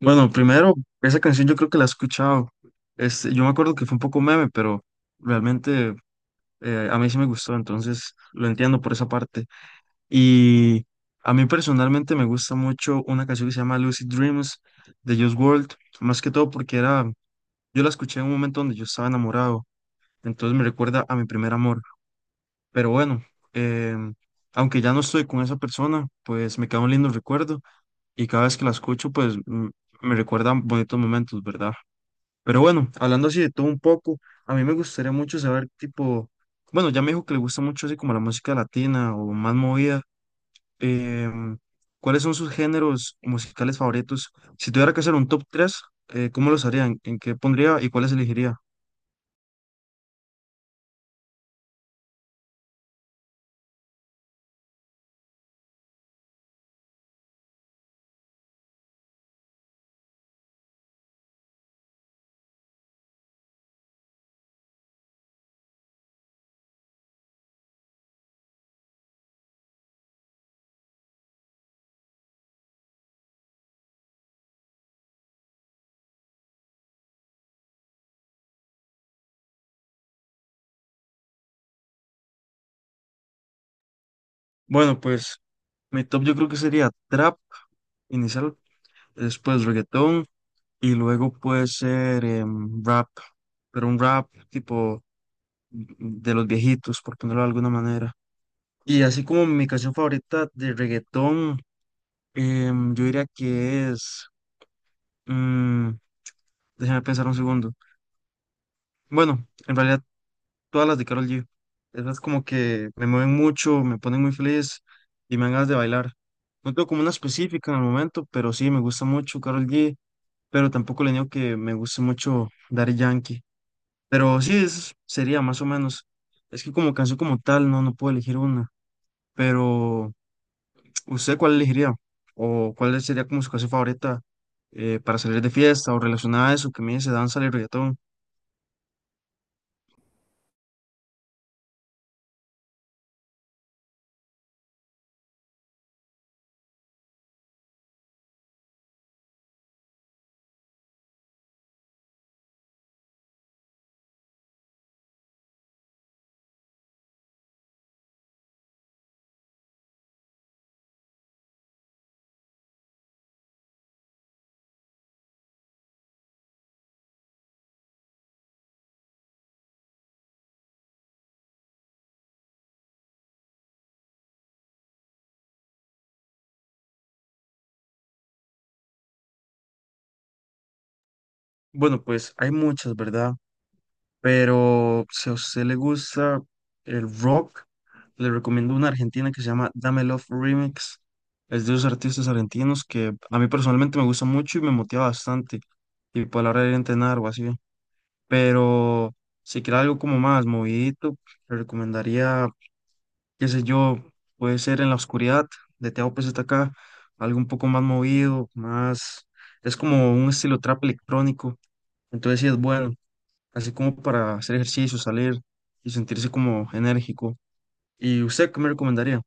Bueno, primero, esa canción yo creo que la he escuchado. Este, yo me acuerdo que fue un poco meme, pero realmente a mí sí me gustó, entonces lo entiendo por esa parte. Y a mí personalmente me gusta mucho una canción que se llama Lucid Dreams de Just World, más que todo porque era, yo la escuché en un momento donde yo estaba enamorado, entonces me recuerda a mi primer amor. Pero bueno, em, aunque ya no estoy con esa persona, pues me queda un lindo recuerdo y cada vez que la escucho, me recuerdan bonitos momentos, ¿verdad? Pero bueno, hablando así de todo un poco, a mí me gustaría mucho saber, tipo, bueno, ya me dijo que le gusta mucho así como la música latina o más movida. em, ¿Cuáles son sus géneros musicales favoritos? Si tuviera que hacer un top 3, ¿cómo los haría? ¿¿En qué pondría y cuáles elegiría? Bueno, pues mi top yo creo que sería trap inicial, después reggaetón y luego puede ser rap, pero un rap tipo de los viejitos, por ponerlo de alguna manera. Y así como mi canción favorita de reggaetón, yo diría que es. mm, Déjame pensar un segundo. Bueno, en realidad todas las de Karol G. Esas como que me mueven mucho, me ponen muy feliz y me dan ganas de bailar. No tengo como una específica en el momento, pero sí me gusta mucho Karol G. Pero tampoco le niego que me guste mucho Daddy Yankee. Pero sí, eso sería más o menos. Es que como canción como tal, no puedo elegir una. Pero ¿usted cuál elegiría? ¿O cuál sería como su canción favorita para salir de fiesta o relacionada a eso que me dice danza y reggaetón? Bueno, pues hay muchas, ¿verdad? Pero si a usted le gusta el rock, le recomiendo una argentina que se llama Dame Love Remix. Es de los artistas argentinos que a mí personalmente me gusta mucho y me motiva bastante. Y por la hora de ir a entrenar o así. Pero si quiere algo como más movidito, le recomendaría qué sé yo, puede ser en la oscuridad de Teo acá, algo un poco más movido, más, es como un estilo trap electrónico, entonces sí es bueno, así como para hacer ejercicio, salir y sentirse como enérgico. ¿Y usted qué me recomendaría?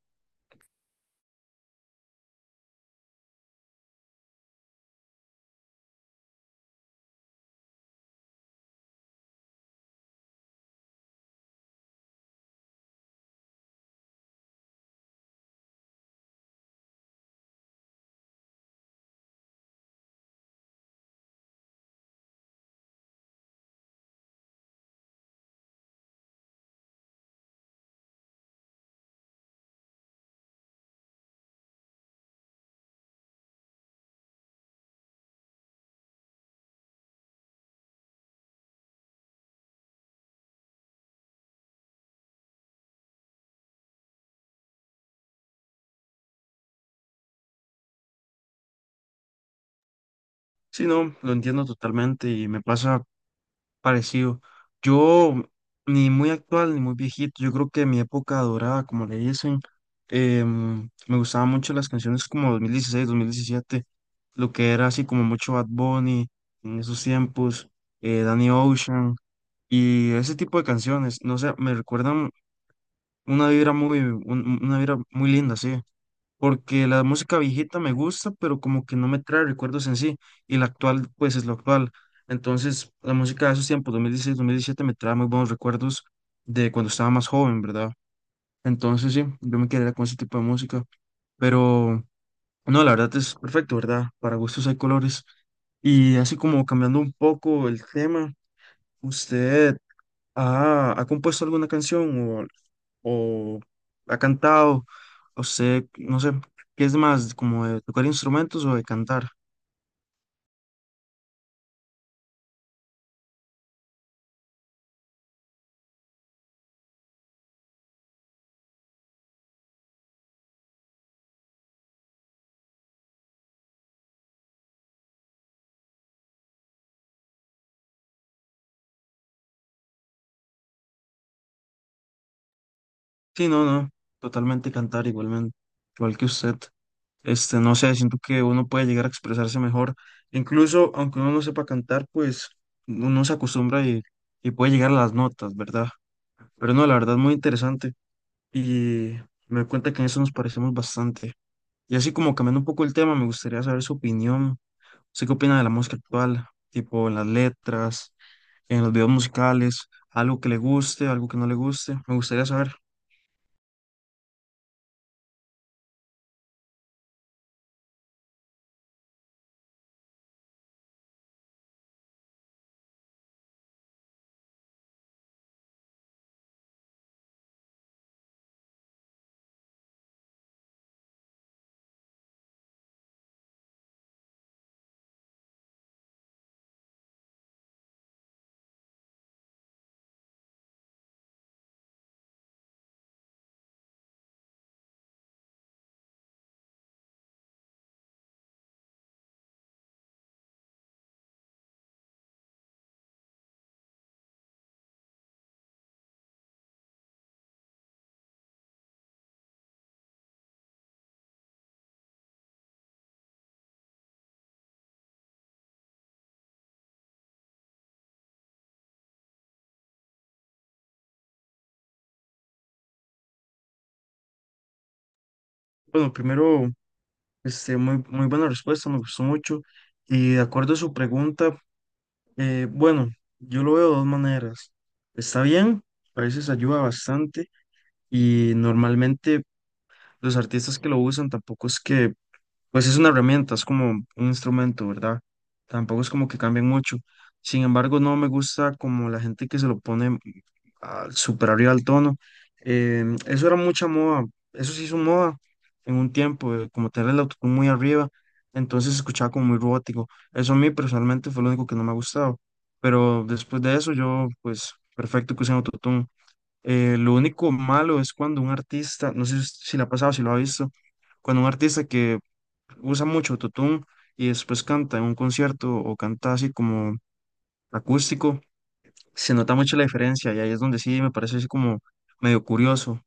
Sí, no, lo entiendo totalmente y me pasa parecido. Yo, ni muy actual ni muy viejito, yo creo que mi época dorada, como le dicen, me gustaban mucho las canciones como 2016 2017, lo que era así como mucho Bad Bunny en esos tiempos, Danny Ocean y ese tipo de canciones, no sé, me recuerdan una vibra muy linda, sí porque la música viejita me gusta, pero como que no me trae recuerdos en sí, y la actual, pues es lo actual. Entonces, la música de esos tiempos, 2016, 2017, me trae muy buenos recuerdos de cuando estaba más joven, ¿verdad? Entonces, sí, yo me quedaría con ese tipo de música, pero no, la verdad es perfecto, ¿verdad? Para gustos hay colores. Y así como cambiando un poco el tema, ¿usted ha compuesto alguna canción o ha cantado, o sé, no sé, qué es más, ¿como de tocar instrumentos o de cantar? Sí, no, no, totalmente cantar igualmente, igual que usted. Este, no sé, siento que uno puede llegar a expresarse mejor, incluso aunque uno no sepa cantar, pues uno se acostumbra y puede llegar a las notas, ¿verdad? Pero no, la verdad es muy interesante y me doy cuenta que en eso nos parecemos bastante. Y así como cambiando un poco el tema, me gustaría saber su opinión. ¿Usted qué opina de la música actual? Tipo en las letras, en los videos musicales, algo que le guste, algo que no le guste. Me gustaría saber. Bueno, primero, este, muy buena respuesta, me gustó mucho. Y de acuerdo a su pregunta, bueno, yo lo veo de dos maneras. Está bien, a veces ayuda bastante y normalmente los artistas que lo usan tampoco es que. Pues es una herramienta, es como un instrumento, ¿verdad? Tampoco es como que cambien mucho. Sin embargo, no me gusta como la gente que se lo pone super arriba al tono. Eso era mucha moda, eso se hizo moda en un tiempo, como tener el autotune muy arriba, entonces se escuchaba como muy robótico. Eso a mí personalmente fue lo único que no me ha gustado. Pero después de eso, yo, pues, perfecto que usen autotune. Lo único malo es cuando un artista, no sé si la ha pasado, si lo ha visto, cuando un artista que usa mucho autotune y después canta en un concierto o canta así como acústico, se nota mucho la diferencia y ahí es donde sí me parece así como medio curioso.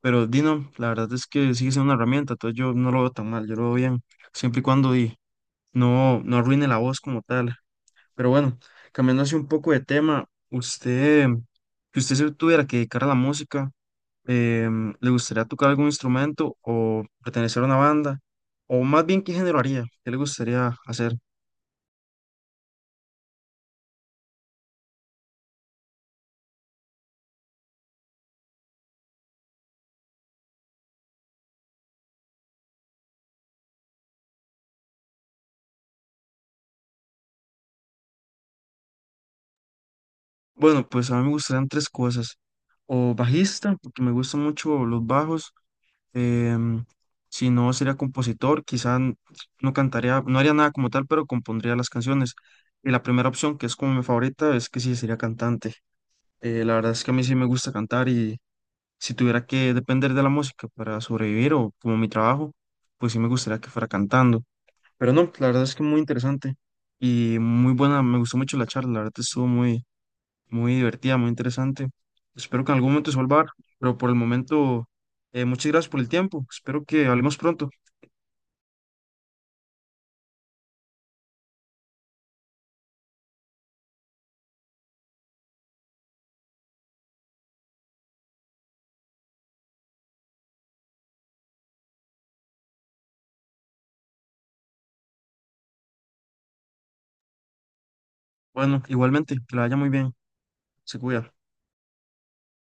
Pero Dino, la verdad es que sigue siendo una herramienta, entonces yo no lo veo tan mal, yo lo veo bien, siempre y cuando no arruine la voz como tal. Pero bueno, cambiando así un poco de tema, usted, si usted se tuviera que dedicar a la música, ¿le gustaría tocar algún instrumento o pertenecer a una banda? O más bien, ¿qué género haría? ¿Qué le gustaría hacer? Bueno, pues a mí me gustarían tres cosas. O bajista, porque me gustan mucho los bajos. em, si no, sería compositor. No cantaría, no haría nada como tal, pero compondría las canciones. Y la primera opción, que es como mi favorita, es que sí, sería cantante. La verdad es que a mí sí me gusta cantar. Si tuviera que depender de la música para sobrevivir o como mi trabajo, pues sí me gustaría que fuera cantando. Pero no, la verdad es que muy interesante y muy buena, me gustó mucho la charla, la verdad estuvo muy, muy divertida, muy interesante. Espero que en algún momento se vuelva a dar, pero por el momento, muchas gracias por el tiempo, espero que hablemos pronto. Bueno, igualmente, que la vaya muy bien, se cuida.